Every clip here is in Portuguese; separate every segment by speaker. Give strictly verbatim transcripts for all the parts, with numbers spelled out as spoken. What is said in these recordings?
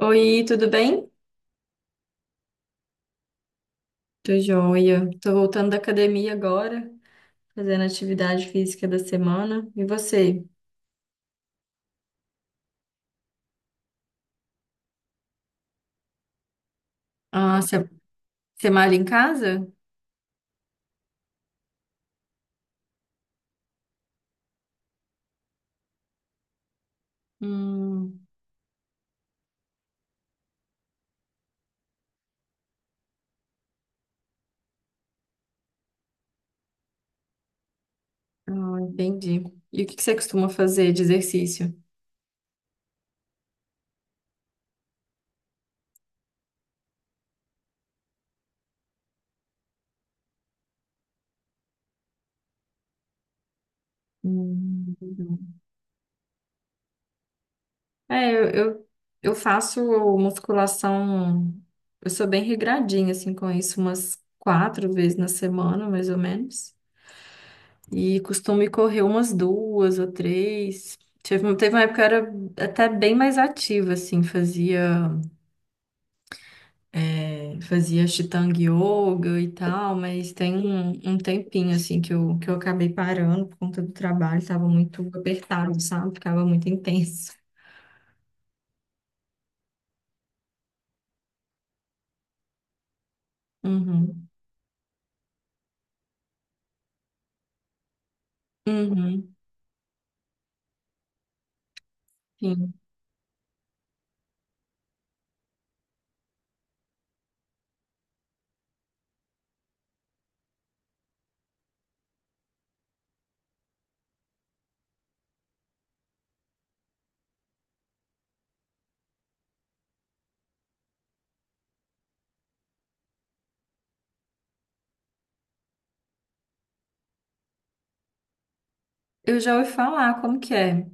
Speaker 1: Oi, tudo bem? Tô joia. Tô voltando da academia agora, fazendo atividade física da semana. E você? Ah, você você malha em casa? Hum, ah, entendi. E o que que você costuma fazer de exercício? Hum, é, eu, eu, eu faço musculação. Eu sou bem regradinha, assim, com isso, umas quatro vezes na semana, mais ou menos. E costumo ir correr umas duas ou três. Teve, um, teve uma época que eu era até bem mais ativa, assim, fazia, é, fazia Ashtanga Yoga e tal, mas tem um, um tempinho, assim, que eu, que eu acabei parando por conta do trabalho, estava muito apertado, sabe? Ficava muito intenso. Uhum, uhum, sim. Eu já ouvi falar como que é.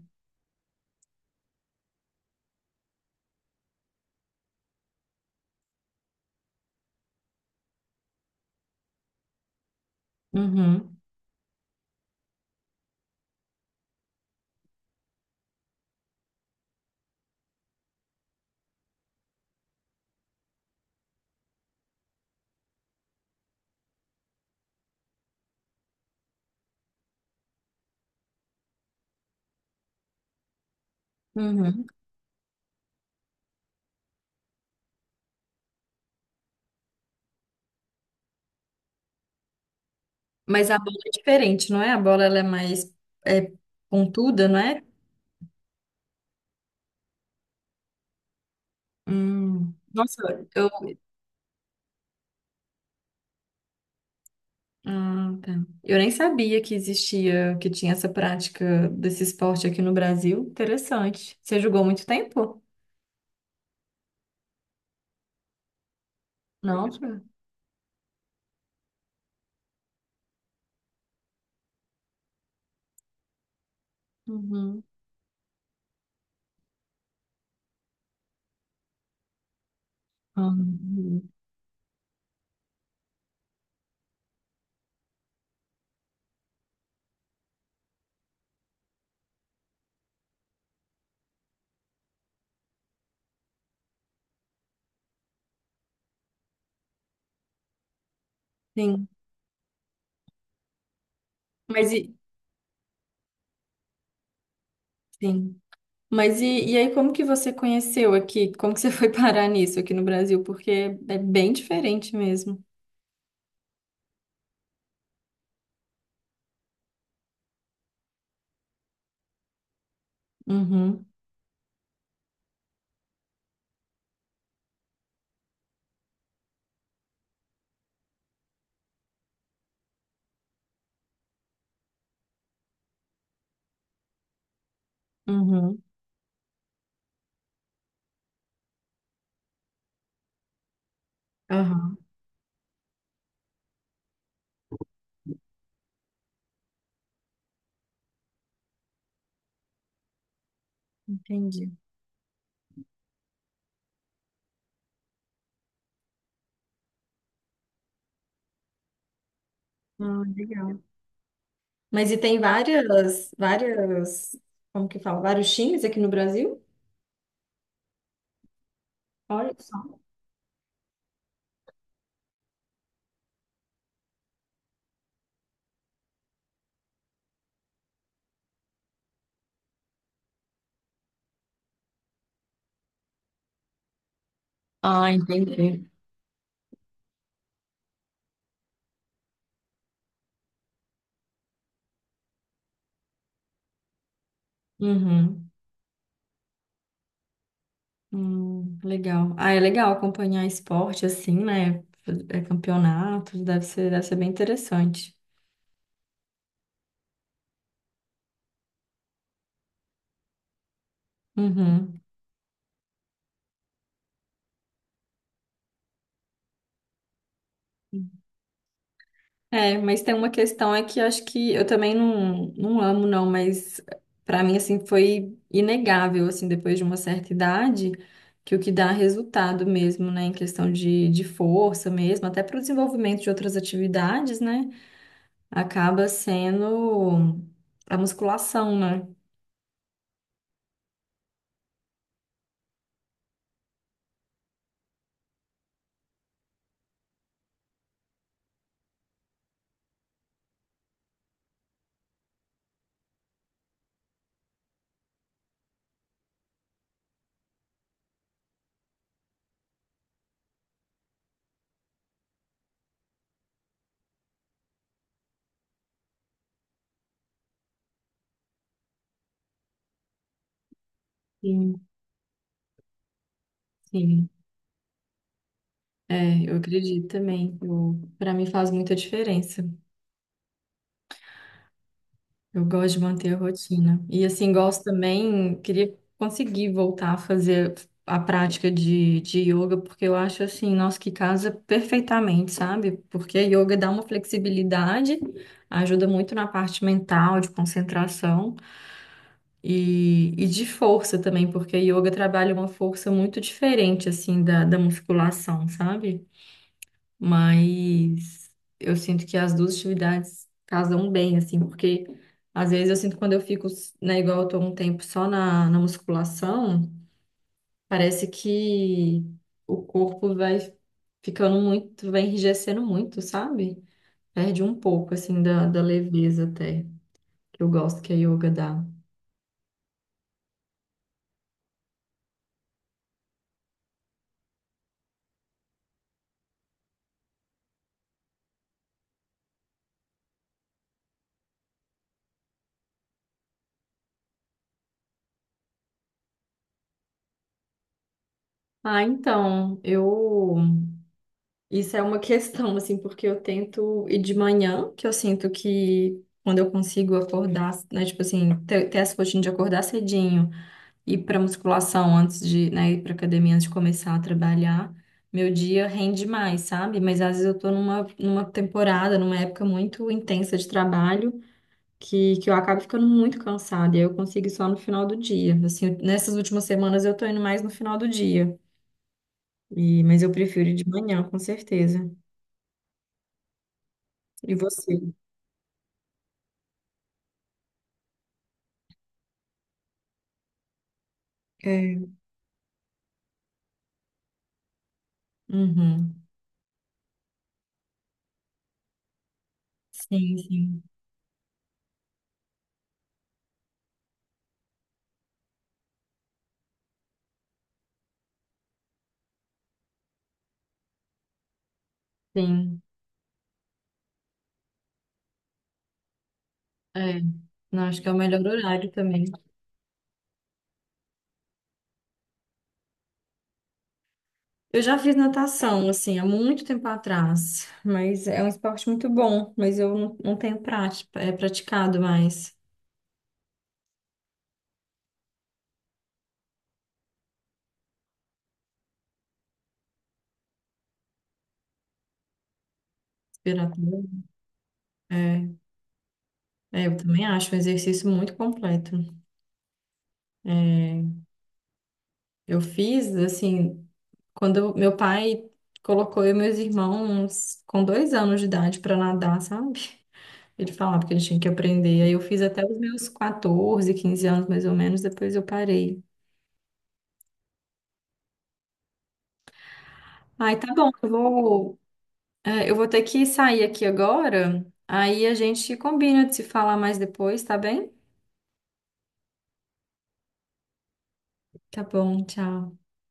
Speaker 1: Uhum, uhum. Mas a bola é diferente, não é? A bola, ela é mais é, pontuda, não é? Hum, nossa. Eu Ah, tá. Eu nem sabia que existia, que tinha essa prática desse esporte aqui no Brasil. Interessante. Você jogou muito tempo? Não. Uhum. Uhum. Sim. Mas e, sim. Mas e, e aí, como que você conheceu aqui? Como que você foi parar nisso aqui no Brasil? Porque é bem diferente mesmo. Uhum. Uhum. Aham. Entendi. Ah, legal. Mas e tem várias, várias, como que fala? Vários times aqui no Brasil? Olha só. Ah, entendi. Uhum. Hum, legal. Ah, é legal acompanhar esporte assim, né? É campeonatos, deve ser, deve ser bem interessante. Uhum. É, mas tem uma questão é que acho que eu também não, não amo, não, mas pra mim, assim, foi inegável, assim, depois de uma certa idade, que o que dá resultado mesmo, né, em questão de, de, força mesmo, até para o desenvolvimento de outras atividades, né, acaba sendo a musculação, né? Sim, sim. É, eu acredito também. Eu, para mim faz muita diferença. Eu gosto de manter a rotina. E assim, gosto também, queria conseguir voltar a fazer a prática de, de, yoga, porque eu acho assim, nossa, que casa perfeitamente, sabe? Porque a yoga dá uma flexibilidade, ajuda muito na parte mental, de concentração e, e, de força também, porque a yoga trabalha uma força muito diferente, assim, da, da musculação, sabe? Mas eu sinto que as duas atividades casam bem, assim, porque às vezes eu sinto que quando eu fico, né, igual eu tô um tempo só na, na, musculação, parece que o corpo vai ficando muito, vai enrijecendo muito, sabe? Perde um pouco, assim, da, da leveza até, que eu gosto que a yoga dá. Ah, então, eu isso é uma questão, assim, porque eu tento ir de manhã, que eu sinto que quando eu consigo acordar, né, tipo assim, ter, ter essa rotina de acordar cedinho, ir pra musculação antes de, né, ir pra academia antes de começar a trabalhar, meu dia rende mais, sabe? Mas às vezes eu tô numa, numa temporada, numa época muito intensa de trabalho, que, que eu acabo ficando muito cansada, e aí eu consigo ir só no final do dia. Assim, nessas últimas semanas eu tô indo mais no final do dia, e, mas eu prefiro ir de manhã, com certeza. E você? É, uhum. Sim, sim, sim. É. Não, acho que é o melhor horário também. Eu já fiz natação, assim, há muito tempo atrás, mas é um esporte muito bom, mas eu não, não tenho prática, é praticado mais. Respiratório, É, é, eu também acho um exercício muito completo. É, eu fiz, assim, quando eu- meu pai colocou eu e meus irmãos com dois anos de idade para nadar, sabe? Ele falava porque eles tinham que aprender. Aí eu fiz até os meus quatorze quinze anos, mais ou menos, depois eu parei. Ai, tá bom, eu vou, é, eu vou ter que sair aqui agora. Aí a gente combina de se falar mais depois, tá bem? Tá bom, tchau.